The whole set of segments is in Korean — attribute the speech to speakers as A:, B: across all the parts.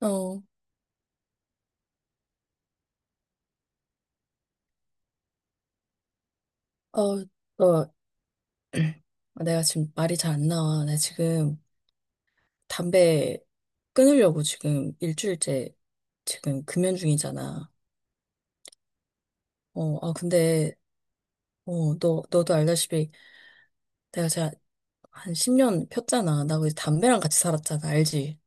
A: 어, 어, 너, 내가 지금 말이 잘 안 나와. 나 지금 담배 끊으려고 지금 일주일째 지금 금연 중이잖아. 근데, 너도 알다시피 내가 한 10년 폈잖아. 나 거기서 담배랑 같이 살았잖아. 알지?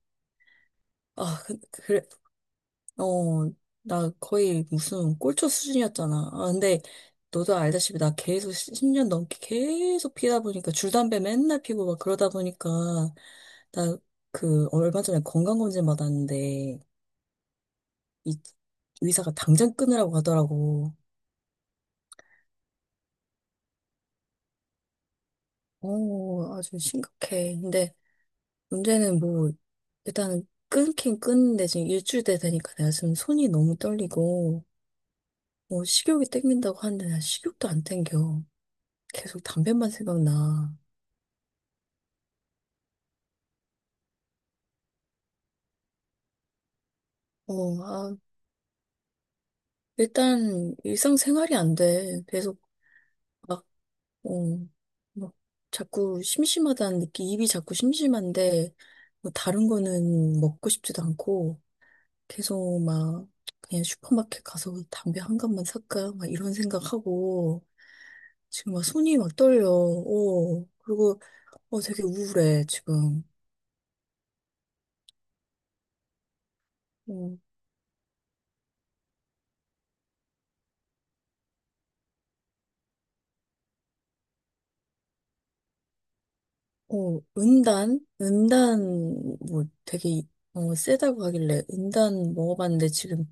A: 아, 그, 그, 어, 나 거의 무슨 꼴초 수준이었잖아. 아, 근데 너도 알다시피 나 계속 10년 넘게 계속 피다 보니까 줄담배 맨날 피고 막 그러다 보니까 나 그 얼마 전에 건강검진 받았는데 이 의사가 당장 끊으라고 하더라고. 아주 심각해. 근데 문제는 뭐 일단은 끊긴 끊는데 지금 일주일 돼 되니까 내가 지금 손이 너무 떨리고 뭐 식욕이 땡긴다고 하는데 난 식욕도 안 땡겨. 계속 담배만 생각나. 어, 아, 일단 일상생활이 안 돼. 계속 막, 어, 막 자꾸 심심하다는 느낌, 입이 자꾸 심심한데, 뭐 다른 거는 먹고 싶지도 않고, 계속 막 그냥 슈퍼마켓 가서 담배 한 갑만 살까? 막 이런 생각하고, 지금 막 손이 막 떨려. 그리고 되게 우울해, 지금. 어. 은단? 뭐 되게, 세다고 하길래 은단 먹어봤는데 지금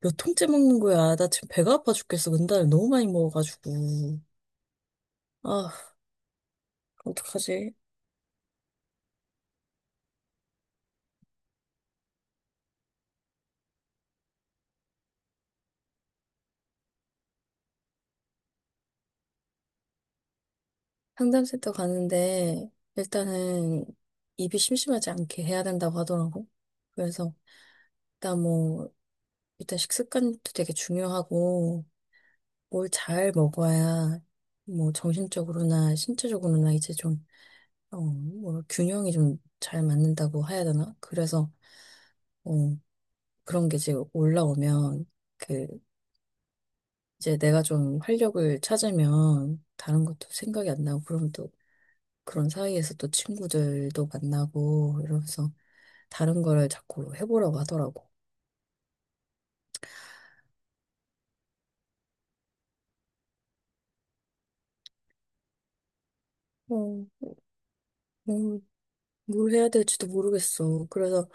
A: 몇 통째 먹는 거야. 나 지금 배가 아파 죽겠어. 은단을 너무 많이 먹어가지고. 아, 어떡하지? 상담센터 가는데 일단은 입이 심심하지 않게 해야 된다고 하더라고. 그래서 일단 뭐, 일단 식습관도 되게 중요하고 뭘 잘 먹어야 뭐 정신적으로나 신체적으로나 이제 좀 뭐 균형이 좀 잘 맞는다고 해야 되나? 그래서 어, 그런 게 이제 올라오면 그 이제 내가 좀 활력을 찾으면 다른 것도 생각이 안 나고 그럼 또 그런 사이에서 또 친구들도 만나고 이러면서 다른 거를 자꾸 해보려고 하더라고. 어, 음, 뭘 해야 될지도 모르겠어. 그래서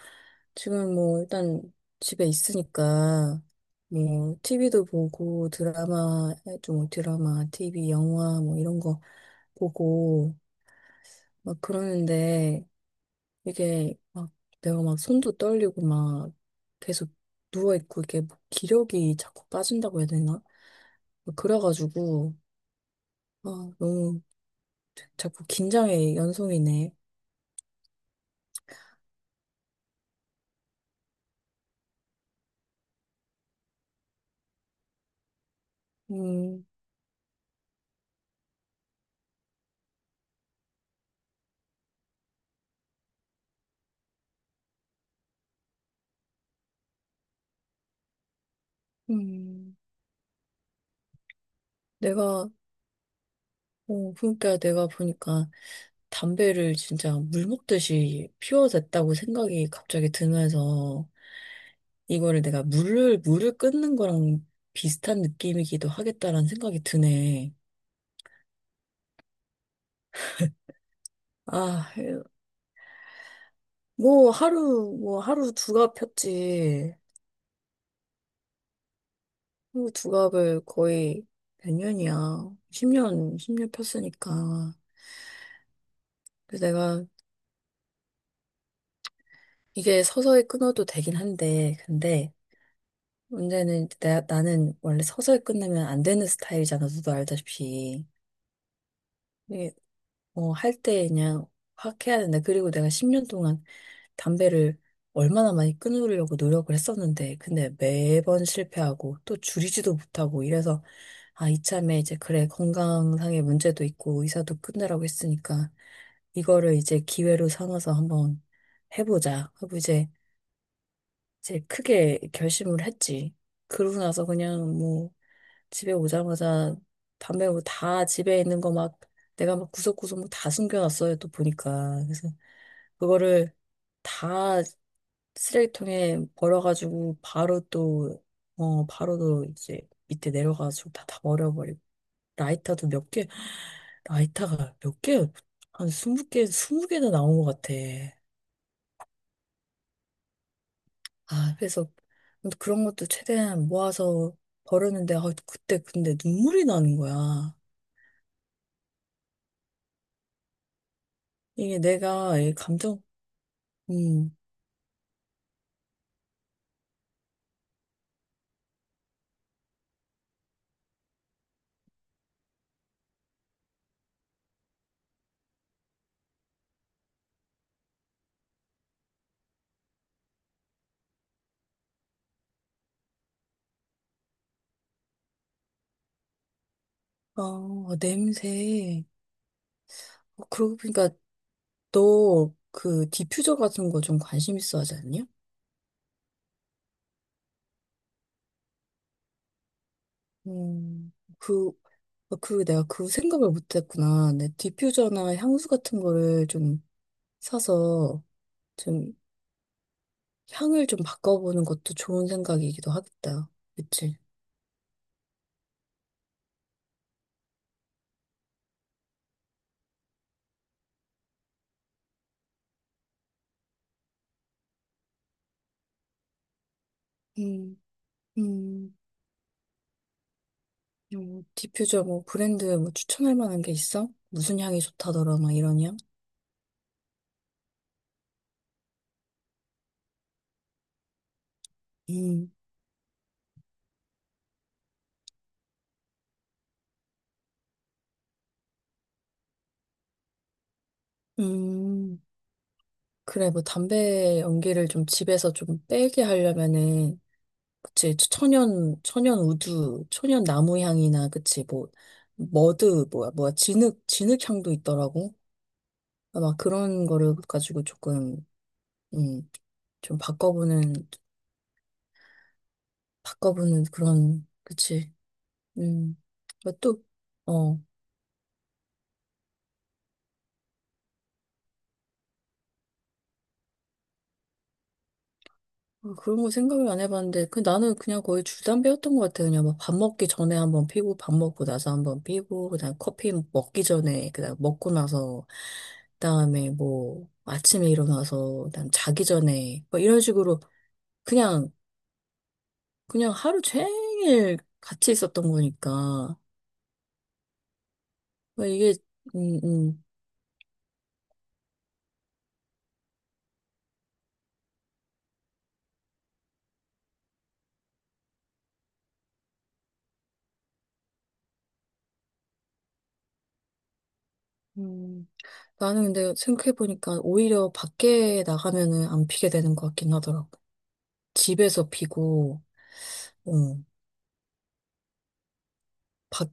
A: 지금 뭐 일단 집에 있으니까 뭐 TV도 보고 드라마, TV, 영화 뭐 이런 거 보고 막 그러는데 이게 막 내가 막 손도 떨리고 막 계속 누워 있고 이게 뭐 기력이 자꾸 빠진다고 해야 되나? 막 그래가지고 아 너무 자꾸 긴장의 연속이네. 음, 음. 내가 그러니까 내가 보니까 담배를 진짜 물 먹듯이 피워댔다고 생각이 갑자기 들면서 이거를 내가 물을 끊는 거랑 비슷한 느낌이기도 하겠다라는 생각이 드네. 아, 뭐 하루 두갑 폈지. 하루 두 갑을 거의 몇 년이야. 10년, 10년 폈으니까. 그래서 내가 이게 서서히 끊어도 되긴 한데, 근데 문제는 나는 원래 서서히 끝내면 안 되는 스타일이잖아. 너도 알다시피. 이게 뭐 할 때 그냥 확 해야 된다. 그리고 내가 10년 동안 담배를 얼마나 많이 끊으려고 노력을 했었는데, 근데 매번 실패하고 또 줄이지도 못하고 이래서, 이참에 이제 그래, 건강상의 문제도 있고 의사도 끝내라고 했으니까, 이거를 이제 기회로 삼아서 한번 해보자. 하고 이제, 크게 결심을 했지. 그러고 나서 그냥 뭐, 집에 오자마자 담배 뭐다 집에 있는 거 막 내가 막 구석구석 뭐 다 숨겨놨어요. 또 보니까. 그래서 그거를 다 쓰레기통에 버려가지고 바로 또, 바로 또 이제 밑에 내려가지고 다 버려버리고. 라이터도 몇 개, 라이터가 몇 개, 한 20개, 20개나 나온 것 같아. 아, 그래서 그런 것도 최대한 모아서 버렸는데, 아, 그때 근데 눈물이 나는 거야. 이게 내가 이 감정. 음, 아, 냄새. 그러고 보니까 너 그 디퓨저 같은 거 좀 관심 있어 하지 않냐? 음, 그, 그 내가 그 생각을 못 했구나. 내 디퓨저나 향수 같은 거를 좀 사서 좀 향을 좀 바꿔보는 것도 좋은 생각이기도 하겠다. 그치? 음, 음, 디퓨저 뭐 브랜드 뭐 추천할 만한 게 있어? 무슨 향이 좋다더라, 막 이런 향? 음, 음. 그래, 뭐 담배 연기를 좀 집에서 좀 빼게 하려면은, 그치, 천연, 천연 우두, 천연 나무 향이나, 그치, 뭐, 머드, 뭐야, 진흙, 진흙 향도 있더라고. 막 그런 거를 가지고 조금, 음, 좀 바꿔보는 그런, 그치, 음. 뭐 또, 어, 그런 거 생각을 안 해봤는데, 그 나는 그냥 거의 줄담배였던 것 같아요. 그냥 막 밥 먹기 전에 한번 피고, 밥 먹고 나서 한번 피고, 그다음 커피 먹기 전에, 그다음 먹고 나서, 그다음에 뭐 아침에 일어나서, 그다음 자기 전에, 뭐 이런 식으로 그냥 그냥 하루 종일 같이 있었던 거니까 뭐 이게 음, 음. 음, 나는 근데 생각해보니까 오히려 밖에 나가면은 안 피게 되는 것 같긴 하더라고. 집에서 피고, 어, 밖,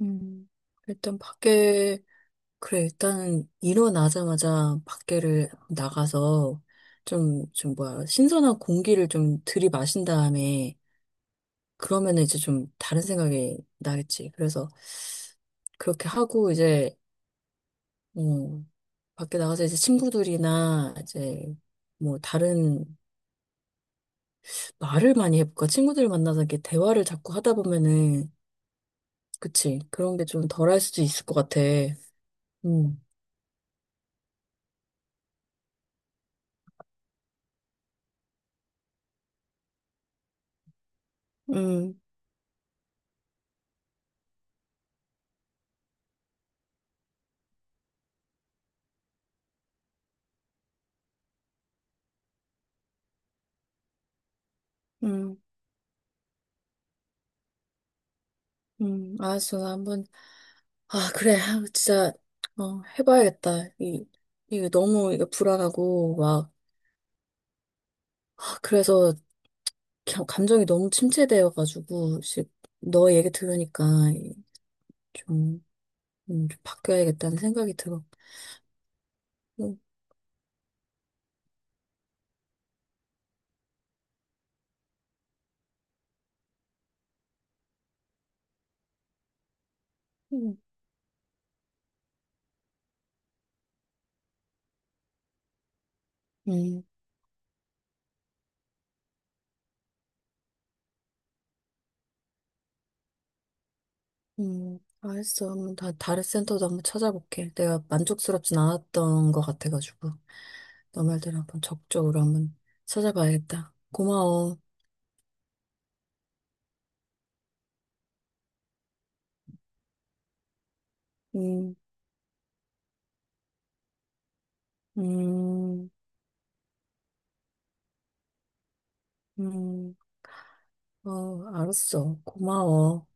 A: 음, 일단 밖에, 그래, 일단 일어나자마자 밖에를 나가서 좀 뭐야, 신선한 공기를 좀 들이마신 다음에 그러면 이제 좀 다른 생각이 나겠지. 그래서 그렇게 하고 이제, 음, 밖에 나가서 이제 친구들이나 이제 뭐 다른 말을 많이 해볼까? 친구들 만나서 이렇게 대화를 자꾸 하다 보면은, 그치. 그런 게 좀 덜할 수도 있을 것 같아. 음, 음, 음. 알았어. 나 한번 아, 그래. 아, 진짜, 해봐야겠다. 이게 너무, 이게 불안하고, 막, 아, 그래서 감정이 너무 침체되어가지고, 씨, 너 얘기 들으니까 이- 좀, 좀 바뀌어야겠다는 생각이 들어. 음, 음, 음, 알았어. 한번 다른 센터도 한번 찾아볼게. 내가 만족스럽진 않았던 것 같아가지고, 너 말대로 한번 적극적으로 한번 찾아봐야겠다. 고마워. 음, 음, 음. 알았어. 고마워.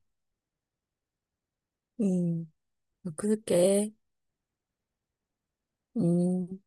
A: 응, 그럴게. 음.